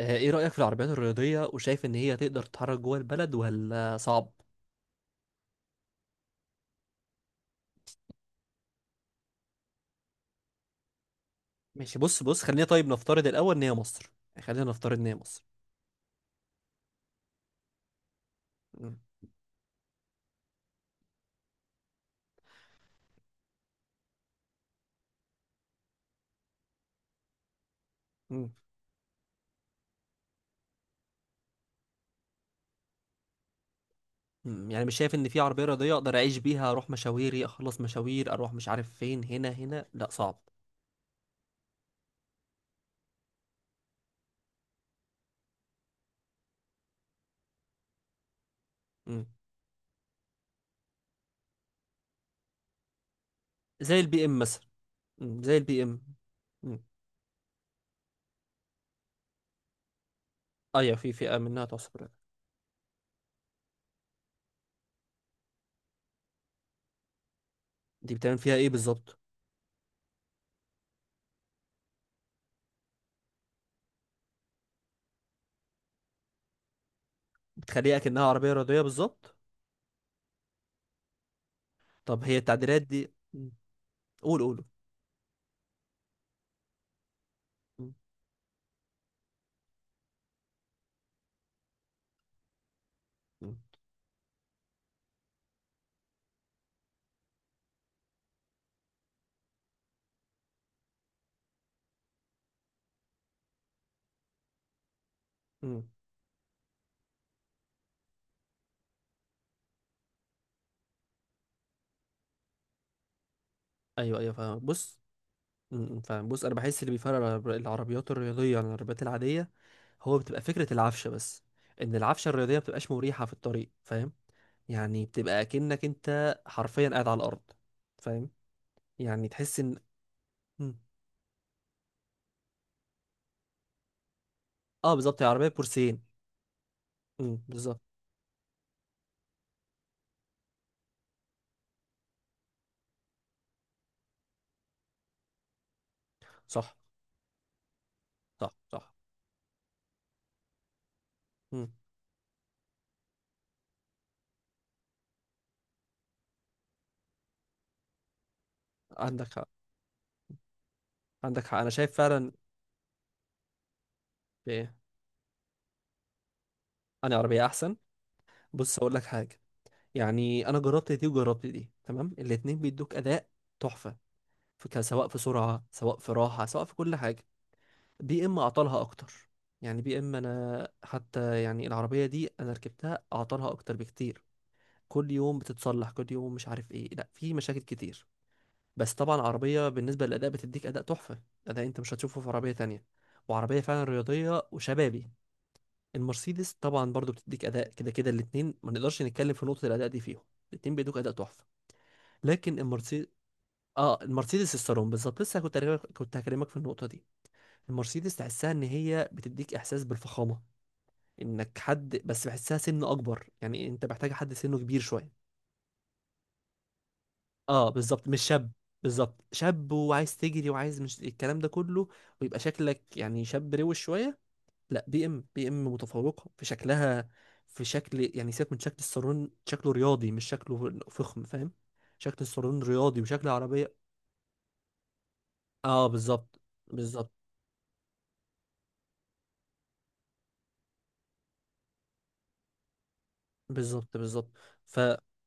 ايه رأيك في العربيات الرياضية وشايف ان هي تقدر تتحرك جوه البلد ولا صعب؟ ماشي. بص، خلينا طيب نفترض الاول ان هي مصر. خلينا نفترض ان هي مصر مم. مم. مم. يعني مش شايف ان في عربية رياضية اقدر اعيش بيها، اروح مشاويري، اخلص مشاوير، اروح مش عارف فين، هنا هنا؟ لا صعب. مم. زي البي ام مثلا. مم. زي البي ام. مم. ايوه، في فئة منها تعصب رياضة. دي بتعمل فيها ايه بالظبط؟ بتخليها كأنها عربية رياضية بالظبط. طب هي التعديلات دي مم. قول قول. مم. مم. مم. ايوه ايوه فاهم. بص. فبص، انا بحس اللي بيفرق العربيات الرياضيه عن العربيات العاديه هو بتبقى فكره العفشه بس. ان العفشه الرياضيه ما بتبقاش مريحه في الطريق، فاهم؟ يعني بتبقى اكنك انت حرفيا قاعد على الارض، فاهم؟ يعني تحس ان م. اه بالظبط، هي عربيه بورسين. بالظبط. صح صح صح. م. عندك حق. عندك حق، انا شايف فعلا. ايه، انا عربيه احسن. بص هقول لك حاجه، يعني انا جربت دي وجربت دي، تمام. الاتنين بيدوك اداء تحفه، سواء في سرعة، سواء في راحة، سواء في كل حاجة. بي ام اعطالها اكتر، يعني بي ام انا حتى يعني العربية دي انا ركبتها اعطالها اكتر بكتير. كل يوم بتتصلح، كل يوم مش عارف ايه، لا في مشاكل كتير. بس طبعا عربية بالنسبة للأداء بتديك أداء تحفة، أداء أنت مش هتشوفه في عربية تانية، وعربية فعلا رياضية وشبابي. المرسيدس طبعا برضو بتديك أداء، كده كده الاتنين ما نقدرش نتكلم في نقطة الأداء دي فيهم، الاتنين بيدوك أداء تحفة. لكن المرسيدس اه، المرسيدس الصالون بالظبط، لسه كنت هكلمك في النقطة دي. المرسيدس تحسها ان هي بتديك احساس بالفخامه، انك حد، بس بحسها سن اكبر، يعني انت محتاج حد سنه كبير شويه. اه بالظبط مش شاب، بالظبط. شاب وعايز تجري وعايز مش الكلام ده كله، ويبقى شكلك يعني شاب روش شويه. لا، بي ام متفوقه في شكلها، في شكل يعني سيبك من شكل الصالون، شكله رياضي مش شكله فخم، فاهم؟ شكل الصالون رياضي وشكل العربيه اه بالظبط بالظبط. بالظبط بالظبط. ف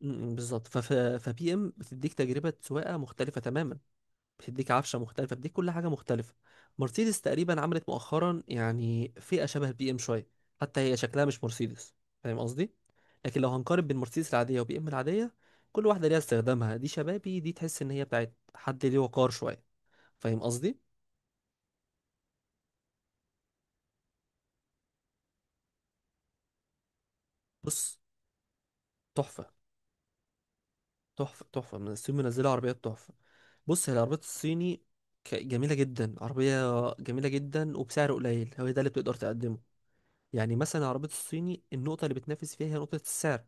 بالظبط ف فبي ام بتديك تجربه سواقه مختلفه تماما، بتديك عفشه مختلفه، بتديك كل حاجه مختلفه. مرسيدس تقريبا عملت مؤخرا يعني فئه شبه البي ام شويه، حتى هي شكلها مش مرسيدس، فاهم قصدي؟ لكن لو هنقارن بين مرسيدس العاديه وبي ام العاديه، كل واحده ليها استخدامها، دي شبابي، دي تحس ان هي بتاعت حد ليه وقار شويه، فاهم قصدي؟ بص، تحفه تحفه تحفه، من الصين منزله عربيات تحفه. بص، هي العربيات الصيني جميلة جدا عربية، جميلة جدا وبسعر قليل، هو ده اللي بتقدر تقدمه. يعني مثلا العربية الصيني النقطة اللي بتنافس فيها هي نقطة السعر،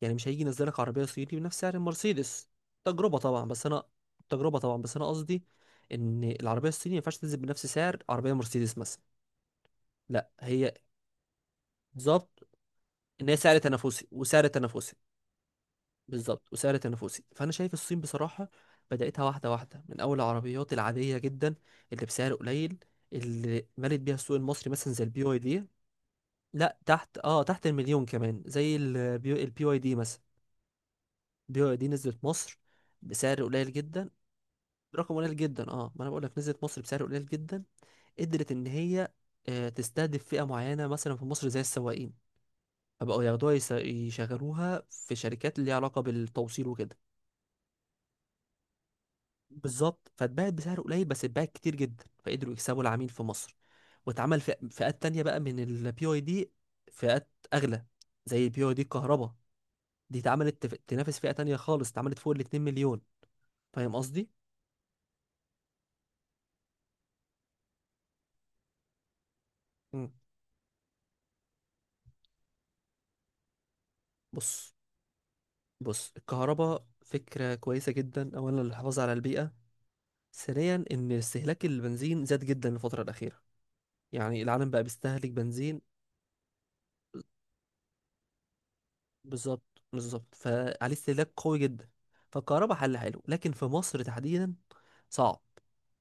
يعني مش هيجي ينزلك عربية صيني بنفس سعر المرسيدس. تجربة طبعا بس أنا تجربة طبعا، بس أنا قصدي إن العربية الصيني ما ينفعش تنزل بنفس سعر عربية مرسيدس مثلا. لا هي بالظبط، إن هي سعر تنافسي وسعر تنافسي بالظبط، وسعر تنافسي. فانا شايف الصين بصراحه بداتها واحده واحده، من اول العربيات العاديه جدا اللي بسعر قليل، اللي مالت بيها السوق المصري مثلا زي البي واي دي. لا تحت، اه تحت المليون كمان، زي البي واي دي مثلا. البي واي دي نزلت مصر بسعر قليل جدا، رقم قليل جدا، اه ما انا بقول لك نزلت مصر بسعر قليل جدا. قدرت ان هي تستهدف فئه معينه مثلا في مصر زي السواقين، فبقوا ياخدوها يشغلوها في شركات اللي ليها علاقه بالتوصيل وكده. بالظبط، فاتباعت بسعر قليل بس اتباعت كتير جدا، فقدروا يكسبوا العميل في مصر. واتعمل فئات تانية بقى من البي اي دي، فئات اغلى زي البي اي دي الكهرباء، دي اتعملت تنافس فئة تانية خالص، اتعملت فوق ال 2 مليون. فاهم قصدي؟ مم. بص، بص الكهرباء فكرة كويسة جدا، اولا للحفاظ على البيئة، ثانيا ان استهلاك البنزين زاد جدا الفترة الأخيرة، يعني العالم بقى بيستهلك بنزين. بالظبط بالظبط، فعليه استهلاك قوي جدا. فالكهرباء حل حلو، لكن في مصر تحديدا صعب،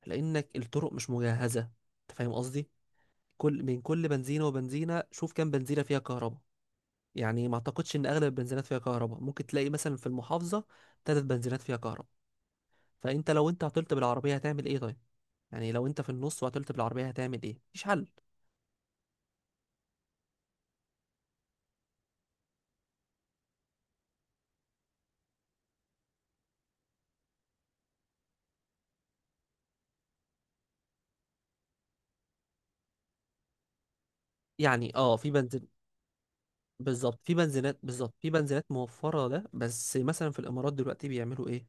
لانك الطرق مش مجهزه، انت فاهم قصدي؟ كل من كل بنزينه وبنزينه، شوف كام بنزينه فيها كهرباء. يعني ما اعتقدش ان اغلب البنزينات فيها كهرباء، ممكن تلاقي مثلا في المحافظه ثلاث بنزينات فيها كهرباء. فانت لو انت عطلت بالعربيه هتعمل ايه طيب؟ يعني لو انت في النص وعطلت بالعربيه هتعمل ايه؟ مفيش حل. يعني اه في بنزين بالظبط، في بنزينات بالظبط، في بنزينات موفرة ده، بس مثلا في الإمارات دلوقتي بيعملوا إيه؟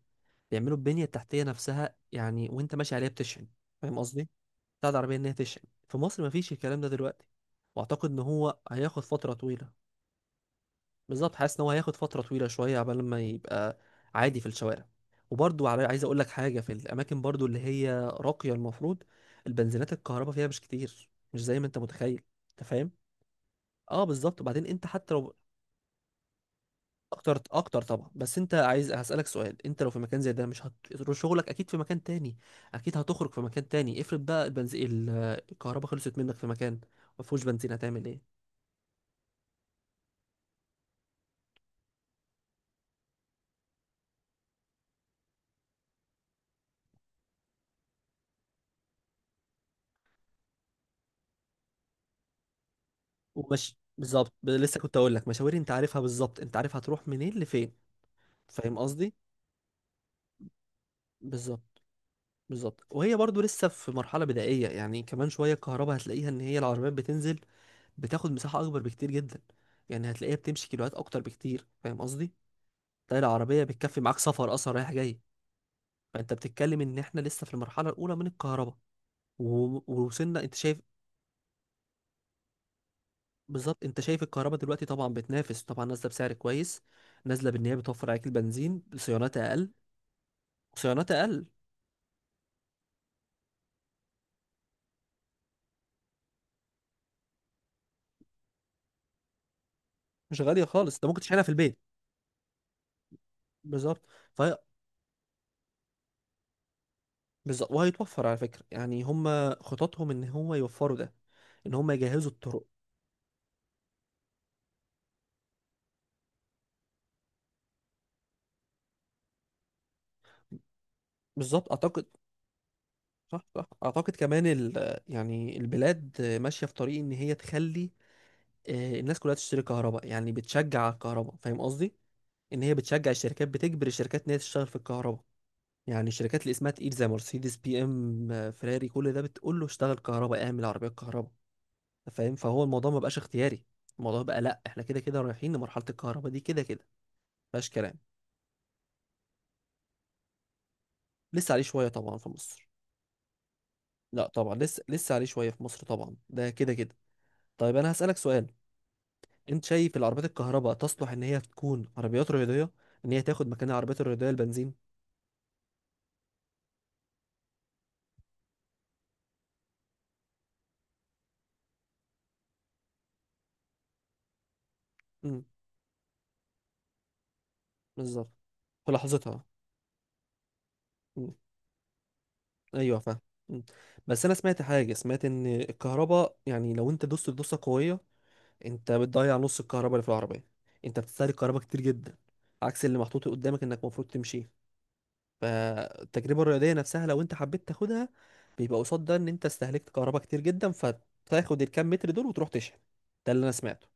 بيعملوا البنية التحتية نفسها، يعني وأنت ماشي عليها بتشحن. فاهم قصدي؟ بتاع العربية إن هي تشحن. في مصر مفيش الكلام ده دلوقتي، وأعتقد إن هو هياخد فترة طويلة. بالظبط، حاسس إن هو هياخد فترة طويلة شوية عبال ما يبقى عادي في الشوارع. وبرضو عايز أقول لك حاجة، في الأماكن برضو اللي هي راقية، المفروض البنزينات الكهرباء فيها مش كتير، مش زي ما أنت متخيل. أنت فاهم؟ اه بالظبط. وبعدين انت حتى لو اكتر، اكتر طبعا. بس انت عايز، هسألك سؤال، انت لو في مكان زي ده مش هتروح شغلك، اكيد في مكان تاني، اكيد هتخرج في مكان تاني. افرض بقى البنزين الكهرباء خلصت منك في مكان ما فيهوش بنزين، هتعمل ايه؟ ومش بالظبط، لسه كنت اقول لك مشاوير انت عارفها بالظبط، انت عارف هتروح منين لفين، فاهم قصدي؟ بالظبط بالظبط. وهي برضو لسه في مرحلة بدائية، يعني كمان شوية الكهرباء هتلاقيها ان هي العربيات بتنزل بتاخد مساحة اكبر بكتير جدا، يعني هتلاقيها بتمشي كيلوات اكتر بكتير، فاهم قصدي؟ تلاقي العربية بتكفي معاك سفر اصلا رايح جاي. فانت بتتكلم ان احنا لسه في المرحله الاولى من الكهرباء، ووصلنا انت شايف بالظبط. انت شايف الكهرباء دلوقتي طبعا بتنافس، طبعا نازله بسعر كويس، نازله بان هي بتوفر عليك البنزين بصيانات اقل، صيانات اقل. مش غاليه خالص، انت ممكن تشحنها في البيت. بالظبط فهي بالظبط، وهيتوفر على فكره، يعني هم خططهم ان هم يوفروا ده، ان هم يجهزوا الطرق. بالظبط اعتقد. صح صح، اعتقد كمان يعني البلاد ماشيه في طريق ان هي تخلي الناس كلها تشتري كهرباء، يعني بتشجع على الكهرباء، فاهم قصدي؟ ان هي بتشجع الشركات، بتجبر الشركات ان هي تشتغل في الكهرباء. يعني الشركات اللي اسمها تقيل زي مرسيدس، بي ام، فيراري، كل ده بتقول له اشتغل كهرباء، اعمل عربيه كهرباء. أنت فاهم؟ فهو الموضوع ما بقاش اختياري، الموضوع بقى لا احنا كده كده رايحين لمرحله الكهرباء دي كده كده. مفيهاش كلام، لسه عليه شويه طبعا في مصر. لا طبعا، لسه عليه شويه في مصر طبعا، ده كده كده. طيب انا هسالك سؤال، انت شايف العربيات الكهرباء تصلح ان هي تكون عربيات رياضيه؟ ان هي تاخد مكان العربيات الرياضيه البنزين؟ امم، بالظبط، في لحظتها. إمم. ايوه فاهم. مم. بس انا سمعت حاجه، سمعت ان الكهرباء يعني لو انت دوست دوسه قويه، انت بتضيع نص الكهرباء اللي في العربيه، انت بتستهلك كهرباء كتير جدا، عكس اللي محطوط قدامك انك المفروض تمشيه. فالتجربه الرياضيه نفسها لو انت حبيت تاخدها، بيبقى قصاد ده ان انت استهلكت كهرباء كتير جدا، فتاخد الكام متر دول وتروح تشحن. ده اللي انا سمعته.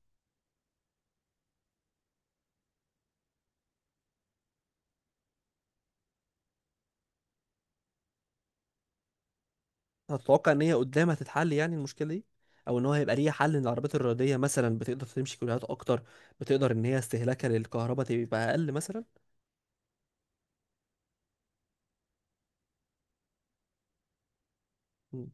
هتتوقع ان هي قدام هتتحل يعني المشكله دي، او ان هو هيبقى ليها حل ان العربيات الرياضيه مثلا بتقدر تمشي كيلوهات اكتر، بتقدر ان هي استهلاكها للكهرباء تبقى اقل مثلا؟ إمم.